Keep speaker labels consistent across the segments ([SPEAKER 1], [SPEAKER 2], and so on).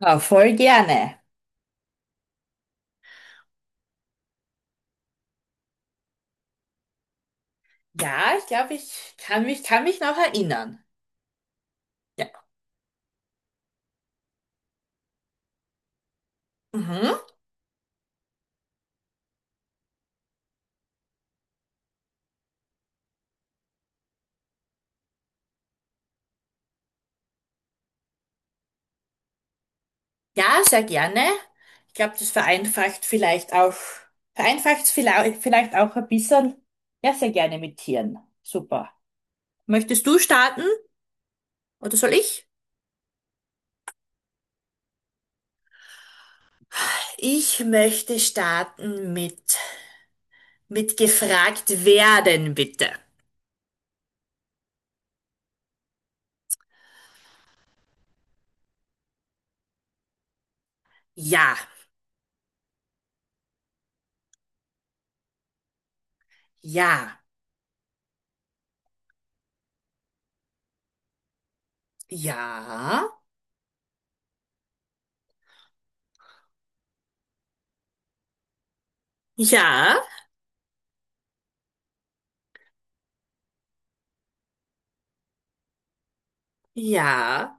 [SPEAKER 1] Ja, voll gerne. Ja, ich glaube, ich kann mich noch erinnern. Ja. Mhm. Ja, sehr gerne. Ich glaube, das vereinfacht es vielleicht auch ein bisschen. Ja, sehr gerne mit Tieren. Super. Möchtest du starten oder soll ich? Ich möchte starten mit gefragt werden, bitte. Ja, ja, ja, ja, ja,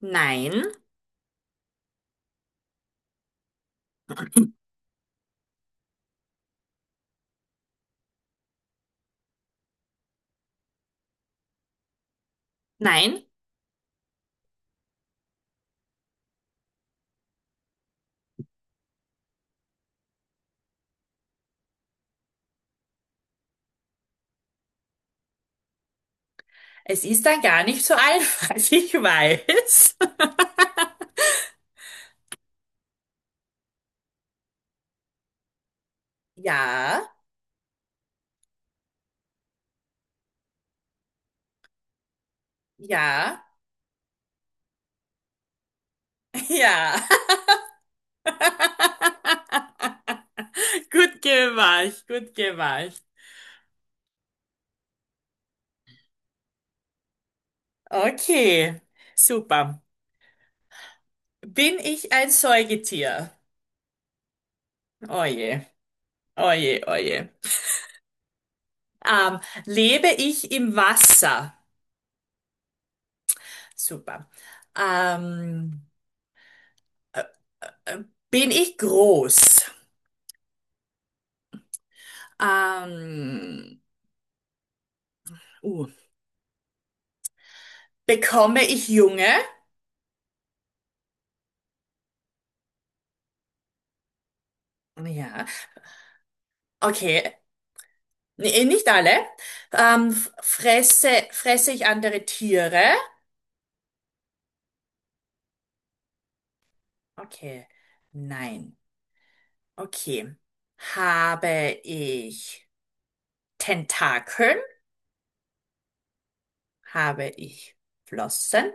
[SPEAKER 1] nein, nein. Es ist dann gar nicht so einfach, ich weiß. Ja, ja, ja. Gut gemacht, gut gemacht. Okay, super. Bin ich ein Säugetier? Oje, oje, oje. Ähm, Lebe ich im Wasser? Super. Ähm, äh, äh, Bin ich groß? Ähm, uh, Bekomme ich Junge? Ja, okay. Nee, nicht alle. Fresse ich andere Tiere? Okay. Nein. Okay. Habe ich Tentakeln? Habe ich Flossen?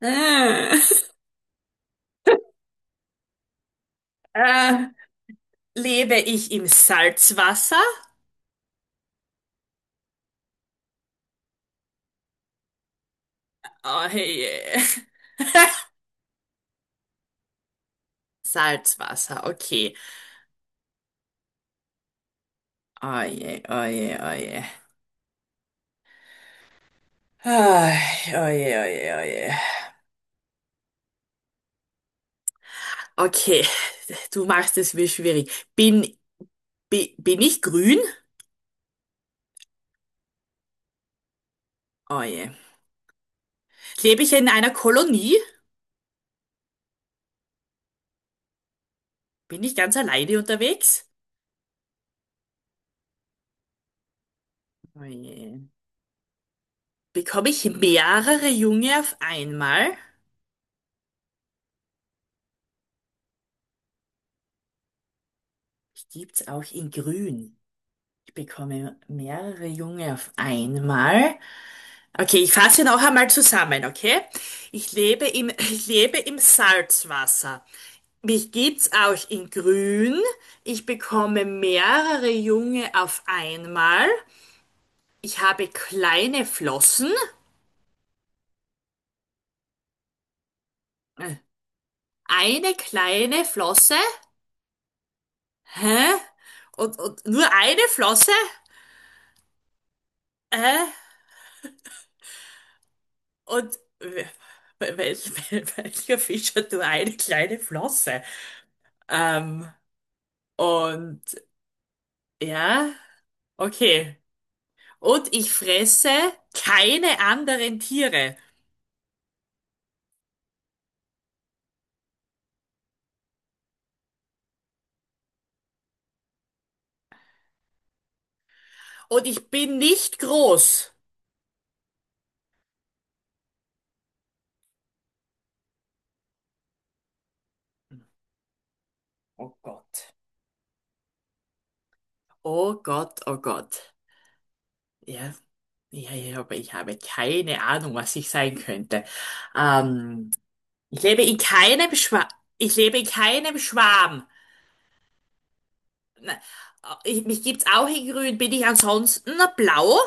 [SPEAKER 1] Äh, äh, lebe ich im Salzwasser? Oh je. Salzwasser, okay. Oh je, oh je, oh je. Ah, oh je, oh je, oh je. Okay, du machst es mir schwierig. Bin, bin ich grün? Oh je. Lebe ich in einer Kolonie? Bin ich ganz alleine unterwegs? Oh je. Bekomme ich mehrere Junge auf einmal? Ich gibt's auch in grün. Ich bekomme mehrere Junge auf einmal. Okay, ich fasse noch einmal zusammen, okay? Ich lebe im Salzwasser. Mich gibt's auch in grün. Ich bekomme mehrere Junge auf einmal. Ich habe kleine Flossen. Äh, Eine kleine Flosse. Hä? Und nur eine Flosse? Äh, und wel, welcher Fisch hat nur eine kleine Flosse? Ähm, und ja, okay. Und ich fresse keine anderen Tiere. Und ich bin nicht groß. Oh Gott. Oh Gott, oh Gott. Ja. Ja, ja, aber ich habe keine Ahnung, was ich sein könnte. Ähm, ich lebe in keinem Schwa ich lebe in keinem Schwarm. Na, äh, Ich, mich gibt's auch in Grün. Bin ich ansonsten blau?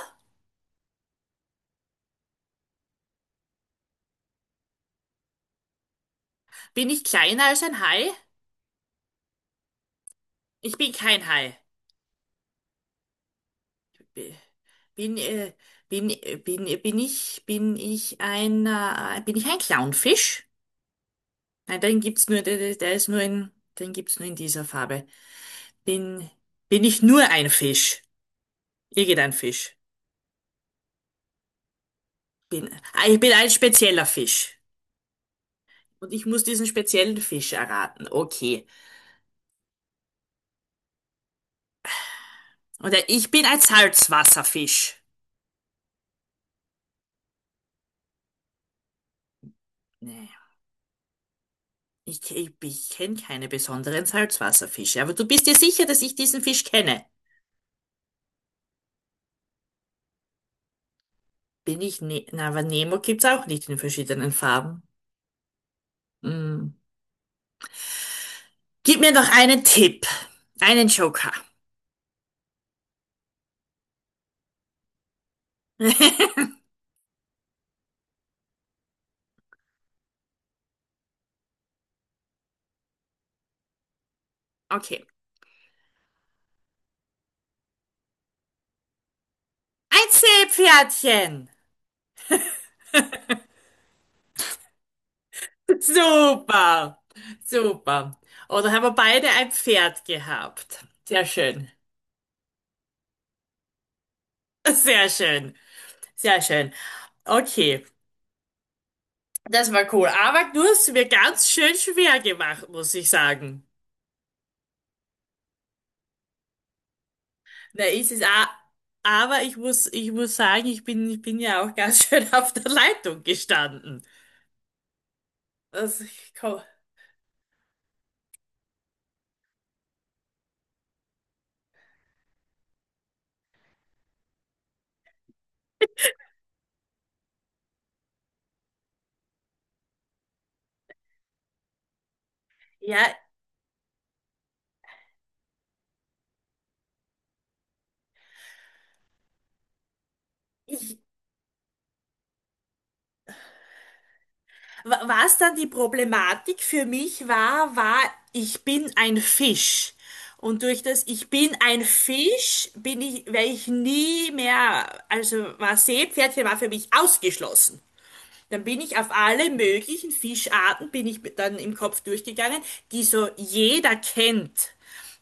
[SPEAKER 1] Bin ich kleiner als ein Hai? Ich bin kein Hai. B- Bin, bin, bin, bin ich ein Clownfisch? Nein, den gibt's nur, der ist nur in, den gibt's nur in dieser Farbe. Bin, bin ich nur ein Fisch? Irgendein Fisch. Ich bin ein spezieller Fisch. Und ich muss diesen speziellen Fisch erraten. Okay. Und ich bin ein Salzwasserfisch. Nee. Ich kenne keine besonderen Salzwasserfische. Aber du bist dir sicher, dass ich diesen Fisch kenne? Bin ich ne Na, Aber Nemo gibt's auch nicht in verschiedenen Farben. Hm. Gib mir noch einen Tipp. Einen Joker. Okay. Ein Seepferdchen. Super, super. Oh, dann haben wir beide ein Pferd gehabt. Sehr schön, sehr schön, sehr schön. Okay, das war cool. Aber du hast es mir ganz schön schwer gemacht, muss ich sagen. Na, ist es a- aber ich muss sagen, ich bin ja auch ganz schön auf der Leitung gestanden. Also, ich komm, ja, ich Was dann die Problematik für mich war, war, ich bin ein Fisch. Und durch das Ich bin ein Fisch wär ich nie mehr, also war Seepferdchen war für mich ausgeschlossen. Dann bin ich auf alle möglichen Fischarten, bin ich dann im Kopf durchgegangen, die so jeder kennt.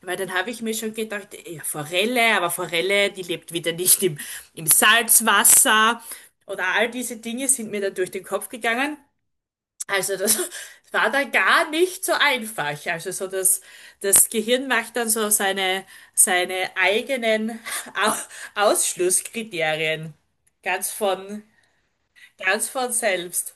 [SPEAKER 1] Weil dann habe ich mir schon gedacht, ja, Forelle, aber Forelle, die lebt wieder nicht im, im Salzwasser. Oder all diese Dinge sind mir dann durch den Kopf gegangen. Also das war dann gar nicht so einfach. Das Gehirn macht dann so seine eigenen Au- Ausschlusskriterien. Ganz von, ganz von selbst.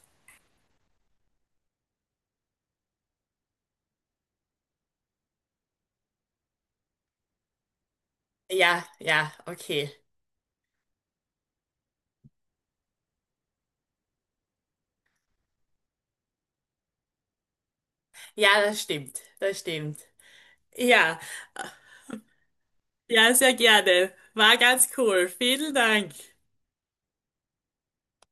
[SPEAKER 1] Ja, ja, okay. Ja, das stimmt. Das stimmt. Ja, ja, sehr gerne. War ganz cool. Vielen Dank.